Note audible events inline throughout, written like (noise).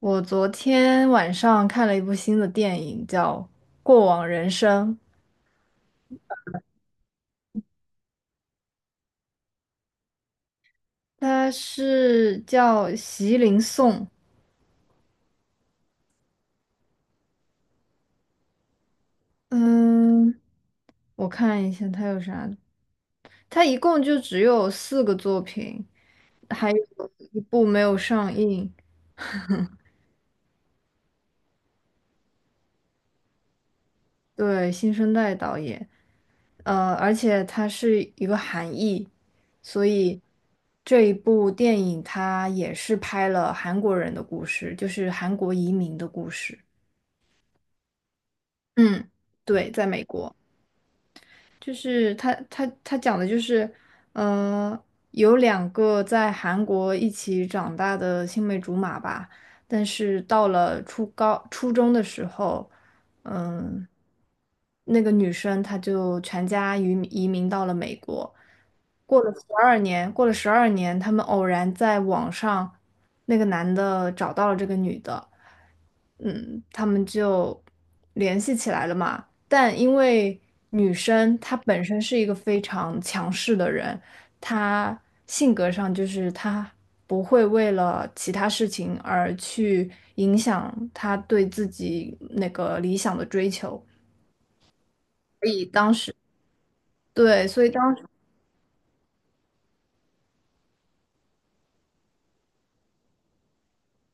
我昨天晚上看了一部新的电影，叫《过往人生》，它是叫席琳颂。嗯，我看一下它有啥，它一共就只有四个作品，还有一部没有上映。对，新生代导演，而且它是一个韩裔，所以这一部电影它也是拍了韩国人的故事，就是韩国移民的故事。嗯，对，在美国。就是他讲的就是，嗯，有两个在韩国一起长大的青梅竹马吧，但是到了初高初中的时候，嗯，那个女生她就全家移民到了美国，过了十二年，过了十二年，他们偶然在网上，那个男的找到了这个女的，嗯，他们就联系起来了嘛。但因为女生她本身是一个非常强势的人，她性格上就是她不会为了其他事情而去影响她对自己那个理想的追求。所以当时，对，所以当时，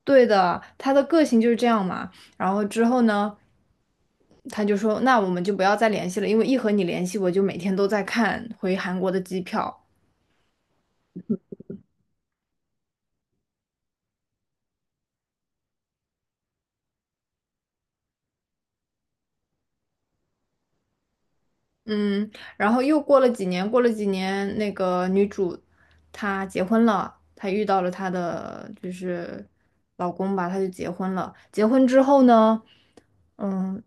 对的，她的个性就是这样嘛。然后之后呢，他就说，那我们就不要再联系了，因为一和你联系，我就每天都在看回韩国的机票。嗯，然后又过了几年，过了几年，那个女主她结婚了，她遇到了她的就是老公吧，她就结婚了。结婚之后呢，嗯，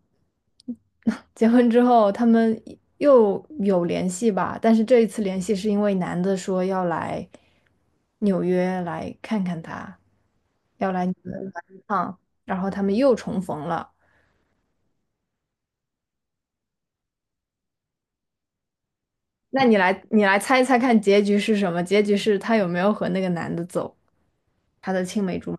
(laughs) 结婚之后他们又有联系吧，但是这一次联系是因为男的说要来纽约来看看她，要来纽约玩一趟，然后他们又重逢了。那你来，你来猜一猜看结局是什么？结局是他有没有和那个男的走，他的青梅竹马？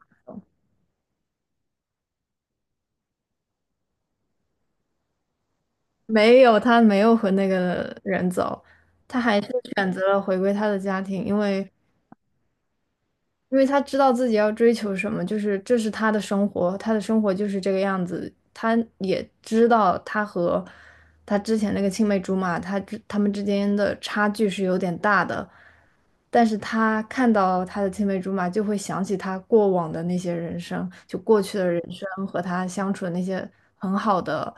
没有，他没有和那个人走，他还是选择了回归他的家庭，因为他知道自己要追求什么，就是这是他的生活，他的生活就是这个样子。他也知道他和他之前那个青梅竹马，他们之间的差距是有点大的，但是他看到他的青梅竹马，就会想起他过往的那些人生，就过去的人生和他相处的那些很好的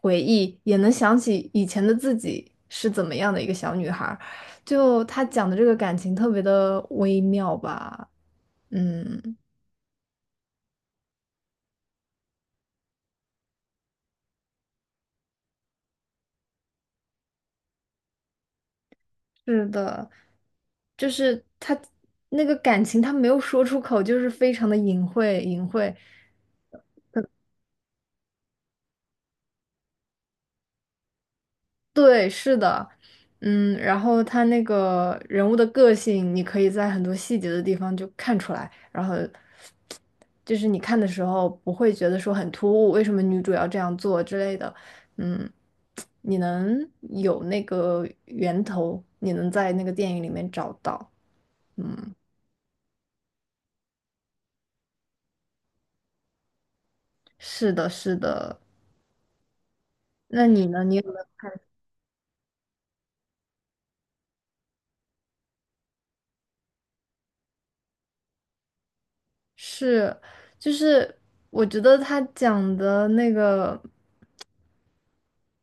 回忆，也能想起以前的自己是怎么样的一个小女孩。就他讲的这个感情特别的微妙吧，嗯，是的，就是他那个感情，他没有说出口，就是非常的隐晦，隐晦。对，是的，嗯，然后他那个人物的个性，你可以在很多细节的地方就看出来，然后就是你看的时候不会觉得说很突兀，为什么女主要这样做之类的，嗯，你能有那个源头，你能在那个电影里面找到，嗯，是的，是的，那你呢？你有没有看？是，就是我觉得他讲的那个。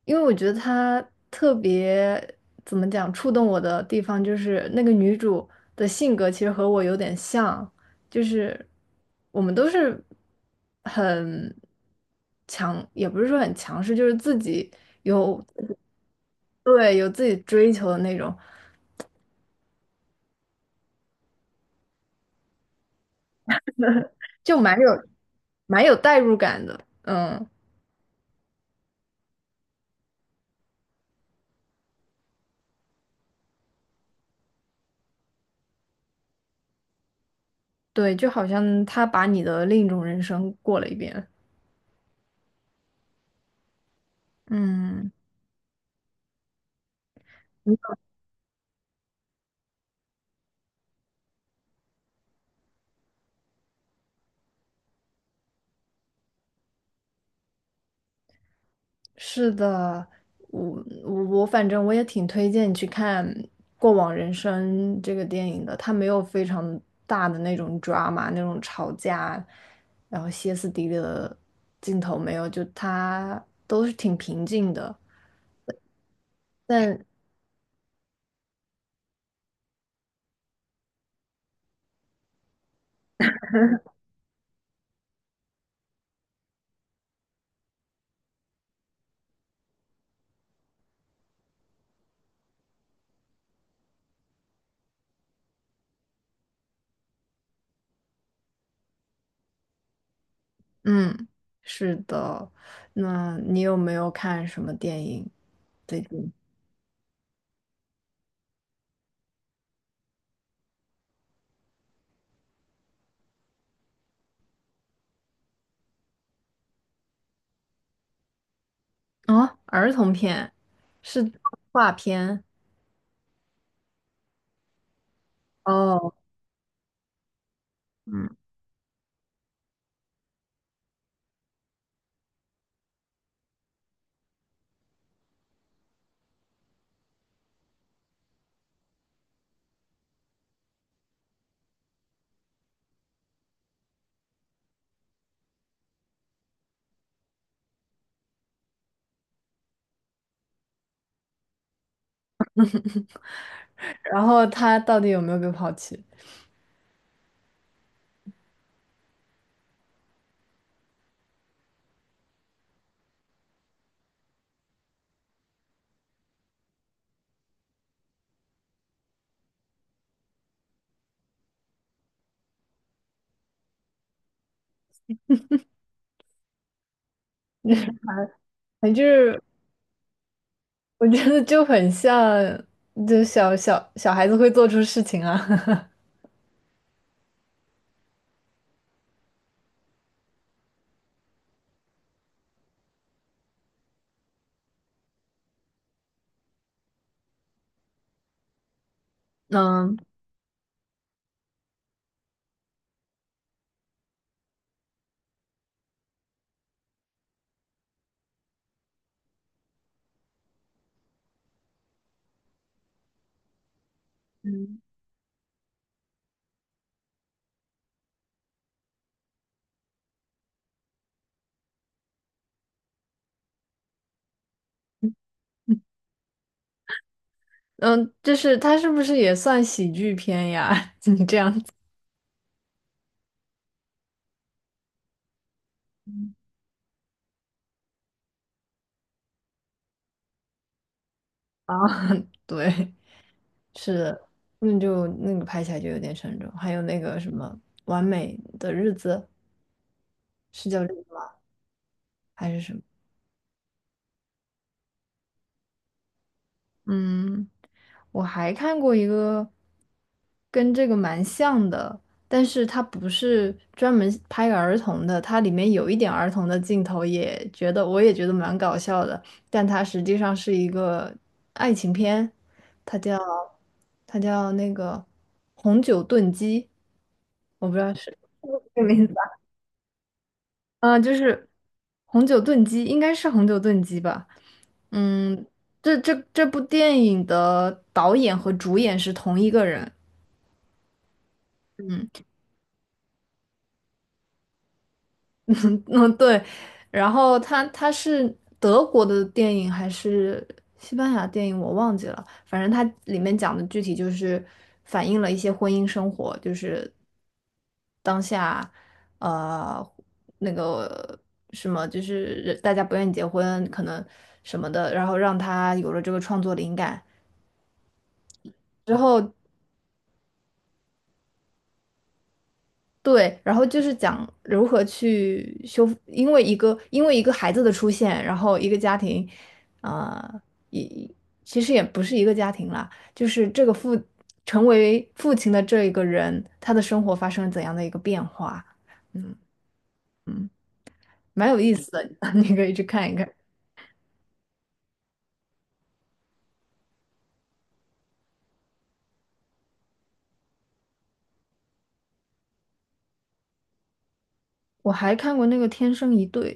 因为我觉得她特别怎么讲触动我的地方，就是那个女主的性格其实和我有点像，就是我们都是很强，也不是说很强势，就是自己有对有自己追求的那种，就蛮有代入感的。嗯，对，就好像她把你的另一种人生过了一遍。嗯。是的，我反正我也挺推荐你去看《过往人生》这个电影的，它没有非常大的那种 drama 那种吵架，然后歇斯底里的镜头没有，就它都是挺平静的。但嗯，是的，那你有没有看什么电影最近？啊？儿童片，是动画片哦，嗯，然后他到底有没有被抛弃？(laughs) 反正我觉得就很像，就小孩子会做出事情啊。(laughs) 嗯嗯，就是他是不是也算喜剧片呀？(laughs) 你这样子啊，(laughs) 对，是的，那就那个拍起来就有点沉重。还有那个什么《完美的日子》，是叫这个吗？还是什么？嗯，我还看过一个跟这个蛮像的，但是它不是专门拍儿童的，它里面有一点儿童的镜头，也觉得我也觉得蛮搞笑的，但它实际上是一个爱情片，它叫它叫那个《红酒炖鸡》，我不知道是 (laughs) 这名字就是红酒炖鸡，应该是红酒炖鸡吧？嗯，这部电影的导演和主演是同一个人，嗯，对，然后它是德国的电影还是西班牙电影，我忘记了。反正它里面讲的具体就是反映了一些婚姻生活，就是当下呃那个什么，就是人大家不愿意结婚，可能什么的，然后让他有了这个创作灵感之后，对，然后就是讲如何去修复，因为一个孩子的出现，然后一个家庭，啊、也其实也不是一个家庭啦，就是这个父成为父亲的这一个人，他的生活发生了怎样的一个变化？嗯嗯，蛮有意思的，(laughs) 你可以去看一看。我还看过那个《天生一对》。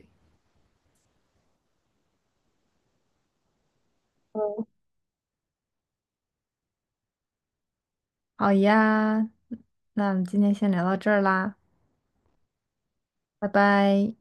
好呀，那我们今天先聊到这儿啦，拜拜。